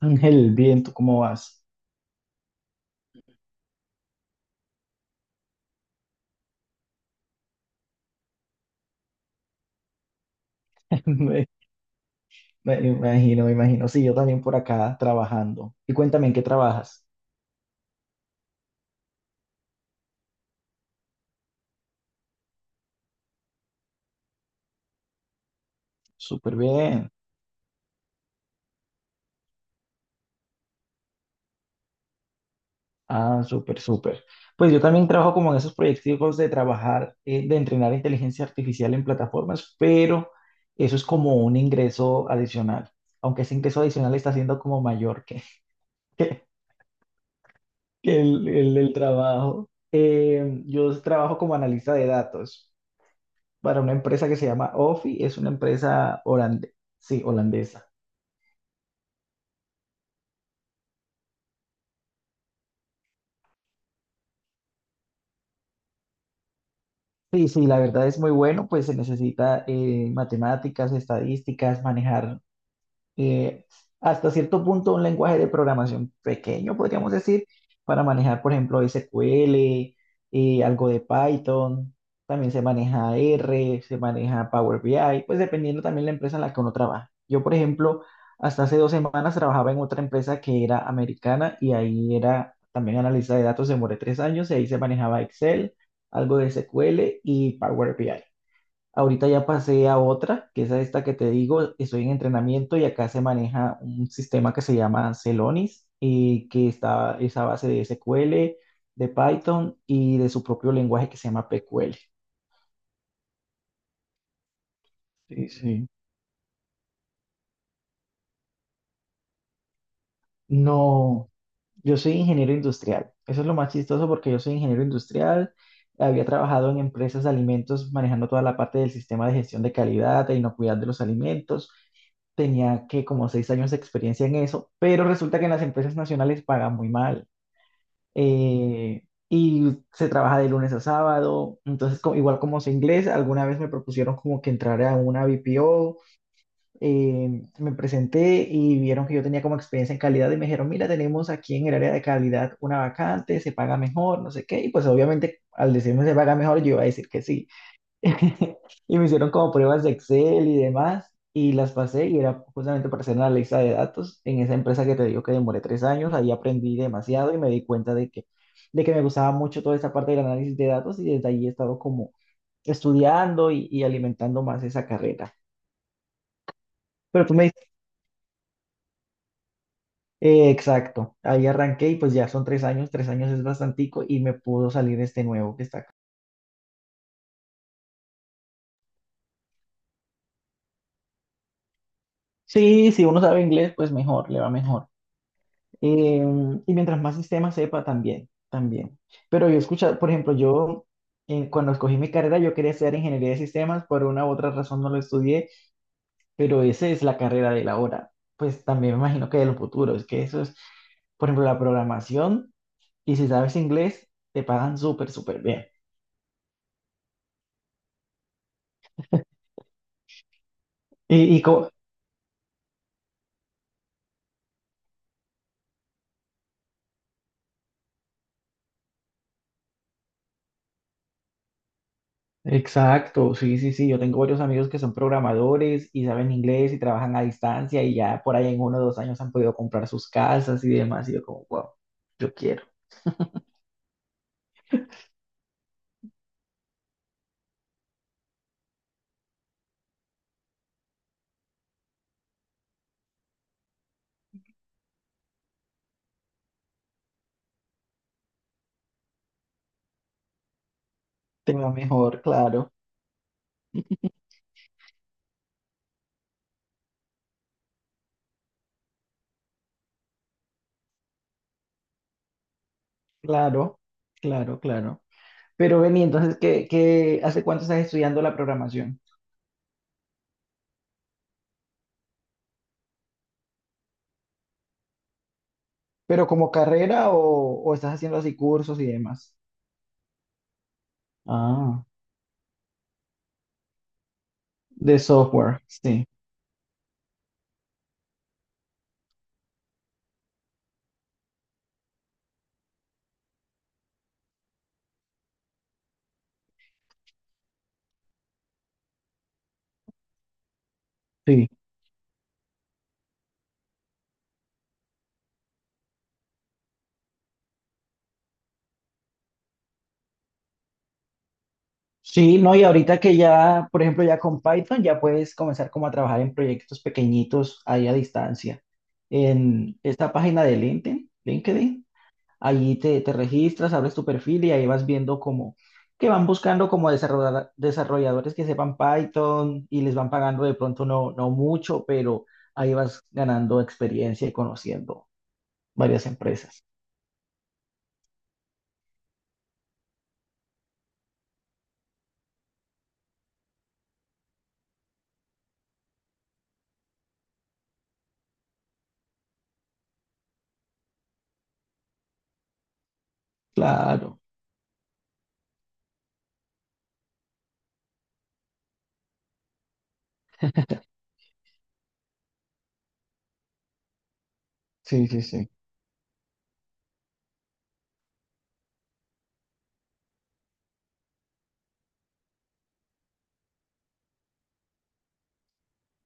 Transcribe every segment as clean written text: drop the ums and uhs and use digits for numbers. Ángel, bien, ¿tú cómo vas? Me, me imagino, me imagino. Sí, yo también por acá trabajando. Y cuéntame, ¿en qué trabajas? Súper bien. Ah, súper, súper. Pues yo también trabajo como en esos proyectos de trabajar, de entrenar inteligencia artificial en plataformas, pero eso es como un ingreso adicional. Aunque ese ingreso adicional está siendo como mayor que, que, que el trabajo. Yo trabajo como analista de datos para una empresa que se llama Ofi, es una empresa sí, holandesa. Sí, sí, la verdad es muy bueno, pues se necesita matemáticas, estadísticas, manejar eh, hasta cierto punto un lenguaje de programación pequeño, podríamos decir, para manejar, por ejemplo, SQL, algo de Python, también se maneja R, se maneja Power BI, pues dependiendo también la empresa en la que uno trabaja. Yo, por ejemplo, hasta hace 2 semanas trabajaba en otra empresa que era americana y ahí era también analista de datos, demoré 3 años y ahí se manejaba Excel, algo de SQL y Power BI. Ahorita ya pasé a otra, que es a esta que te digo, estoy en entrenamiento y acá se maneja un sistema que se llama Celonis y que está es a base de SQL, de Python y de su propio lenguaje que se llama PQL. Sí, sí. No, yo soy ingeniero industrial. Eso es lo más chistoso porque yo soy ingeniero industrial. Había trabajado en empresas de alimentos manejando toda la parte del sistema de gestión de calidad e inocuidad de los alimentos. Tenía que como 6 años de experiencia en eso, pero resulta que en las empresas nacionales pagan muy mal. eh, y se trabaja de lunes a sábado, entonces igual como sé inglés, alguna vez me propusieron como que entrara a una BPO, me presenté y vieron que yo tenía como experiencia en calidad y me dijeron, mira, tenemos aquí en el área de calidad una vacante, se paga mejor, no sé qué, y pues obviamente al decirme se paga mejor, yo iba a decir que sí. Y me hicieron como pruebas de Excel y demás, y las pasé y era justamente para hacer una lista de datos en esa empresa que te digo que demoré 3 años, ahí aprendí demasiado y me di cuenta de que me gustaba mucho toda esa parte del análisis de datos y desde ahí he estado como estudiando y alimentando más esa carrera. Pero tú me dices, exacto, ahí arranqué y pues ya son 3 años, tres años es bastantico y me pudo salir este nuevo que está acá. Sí, si uno sabe inglés, pues mejor, le va mejor. Eh, y mientras más sistemas sepa, también, también. Pero yo escucha, por ejemplo, yo cuando escogí mi carrera, yo quería estudiar ingeniería de sistemas, por una u otra razón no lo estudié, pero esa es la carrera de la hora. Pues también me imagino que de los futuros, es que eso es, por ejemplo, la programación, y si sabes inglés, te pagan súper, súper bien. ¿Y, y co- Exacto, sí, sí, sí. Yo tengo varios amigos que son programadores y saben inglés y trabajan a distancia y ya por ahí en uno o dos años han podido comprar sus casas y demás. Y yo como, wow, yo quiero. Tengo mejor, claro, claro, claro, claro. Pero Beni, entonces, ¿hace cuánto estás estudiando la programación? ¿Pero como carrera o estás haciendo así cursos y demás? Ah, de software, sí, sí. Sí, no, y ahorita que ya, por ejemplo, ya con Python ya puedes comenzar como a trabajar en proyectos pequeñitos ahí a distancia. En esta página de LinkedIn, LinkedIn, allí te registras, abres tu perfil y ahí vas viendo como que van buscando como desarrolladores que sepan Python y les van pagando de pronto no, no mucho, pero ahí vas ganando experiencia y conociendo varias empresas. Claro, sí, sí, sí.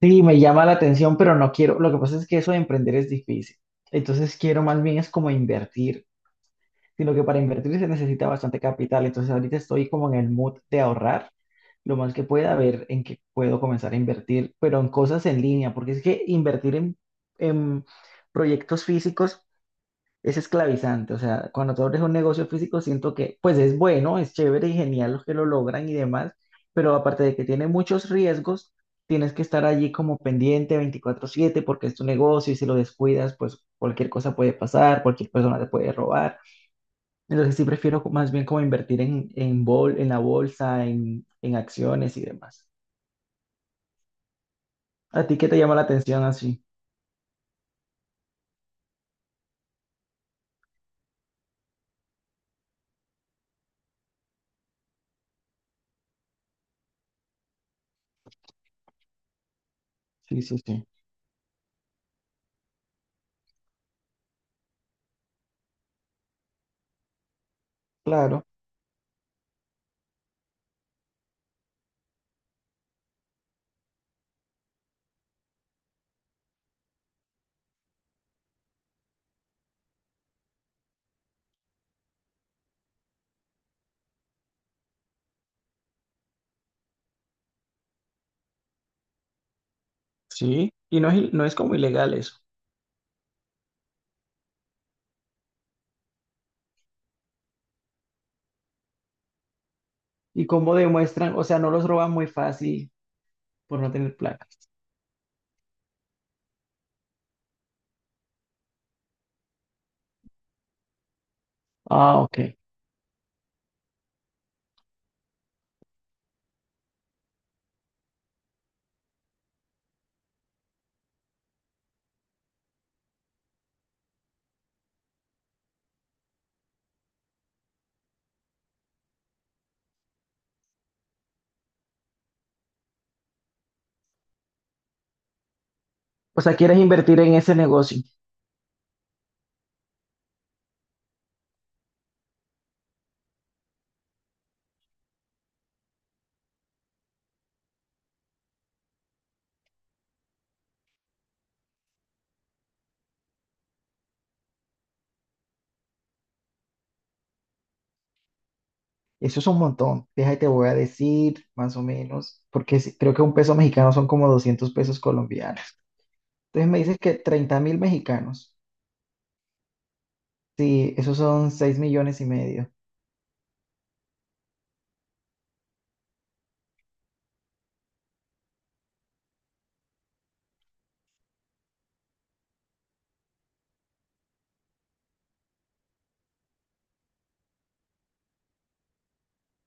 Sí, me llama la atención, pero no quiero. Lo que pasa es que eso de emprender es difícil. Entonces quiero más bien es como invertir, sino que para invertir se necesita bastante capital. Entonces ahorita estoy como en el mood de ahorrar lo más que pueda, a ver en qué puedo comenzar a invertir, pero en cosas en línea, porque es que invertir en proyectos físicos es esclavizante. O sea, cuando tú abres un negocio físico, siento que, pues es bueno, es chévere y genial los que lo logran y demás, pero aparte de que tiene muchos riesgos, tienes que estar allí como pendiente 24/7 porque es tu negocio y si lo descuidas, pues cualquier cosa puede pasar, cualquier persona te puede robar. Entonces sí prefiero más bien como invertir en la bolsa, en acciones y demás. ¿A ti qué te llama la atención así? Sí, sí, sí. Claro, sí. No es como ilegal eso. ¿Y cómo demuestran? O sea, no los roban muy fácil por no tener placas. Ah, ok. O sea, quieres invertir en ese negocio. Eso es un montón. Déjate, te voy a decir más o menos, porque si- creo que un peso mexicano son como 200 pesos colombianos. Entonces me dices que 30 mil mexicanos. Sí, esos son 6 millones y medio.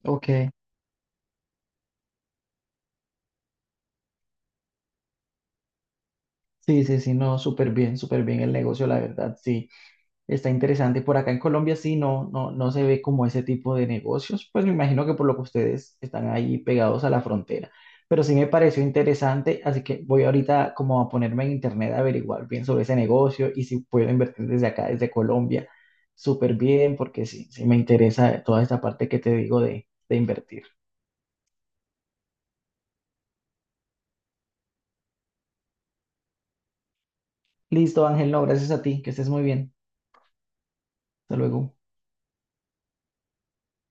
Ok. Sí, sí, sí, no, súper bien el negocio, la verdad, sí. Está interesante. Por acá en Colombia sí no, no, no se ve como ese tipo de negocios. Pues me imagino que por lo que ustedes están ahí pegados a la frontera. Pero sí me pareció interesante, así que voy ahorita como a ponerme en internet a averiguar bien sobre ese negocio y si puedo invertir desde acá, desde Colombia, súper bien, porque sí, sí me interesa toda esta parte que te digo de invertir. Listo, Ángel, no, gracias a ti, que estés muy bien. Hasta luego.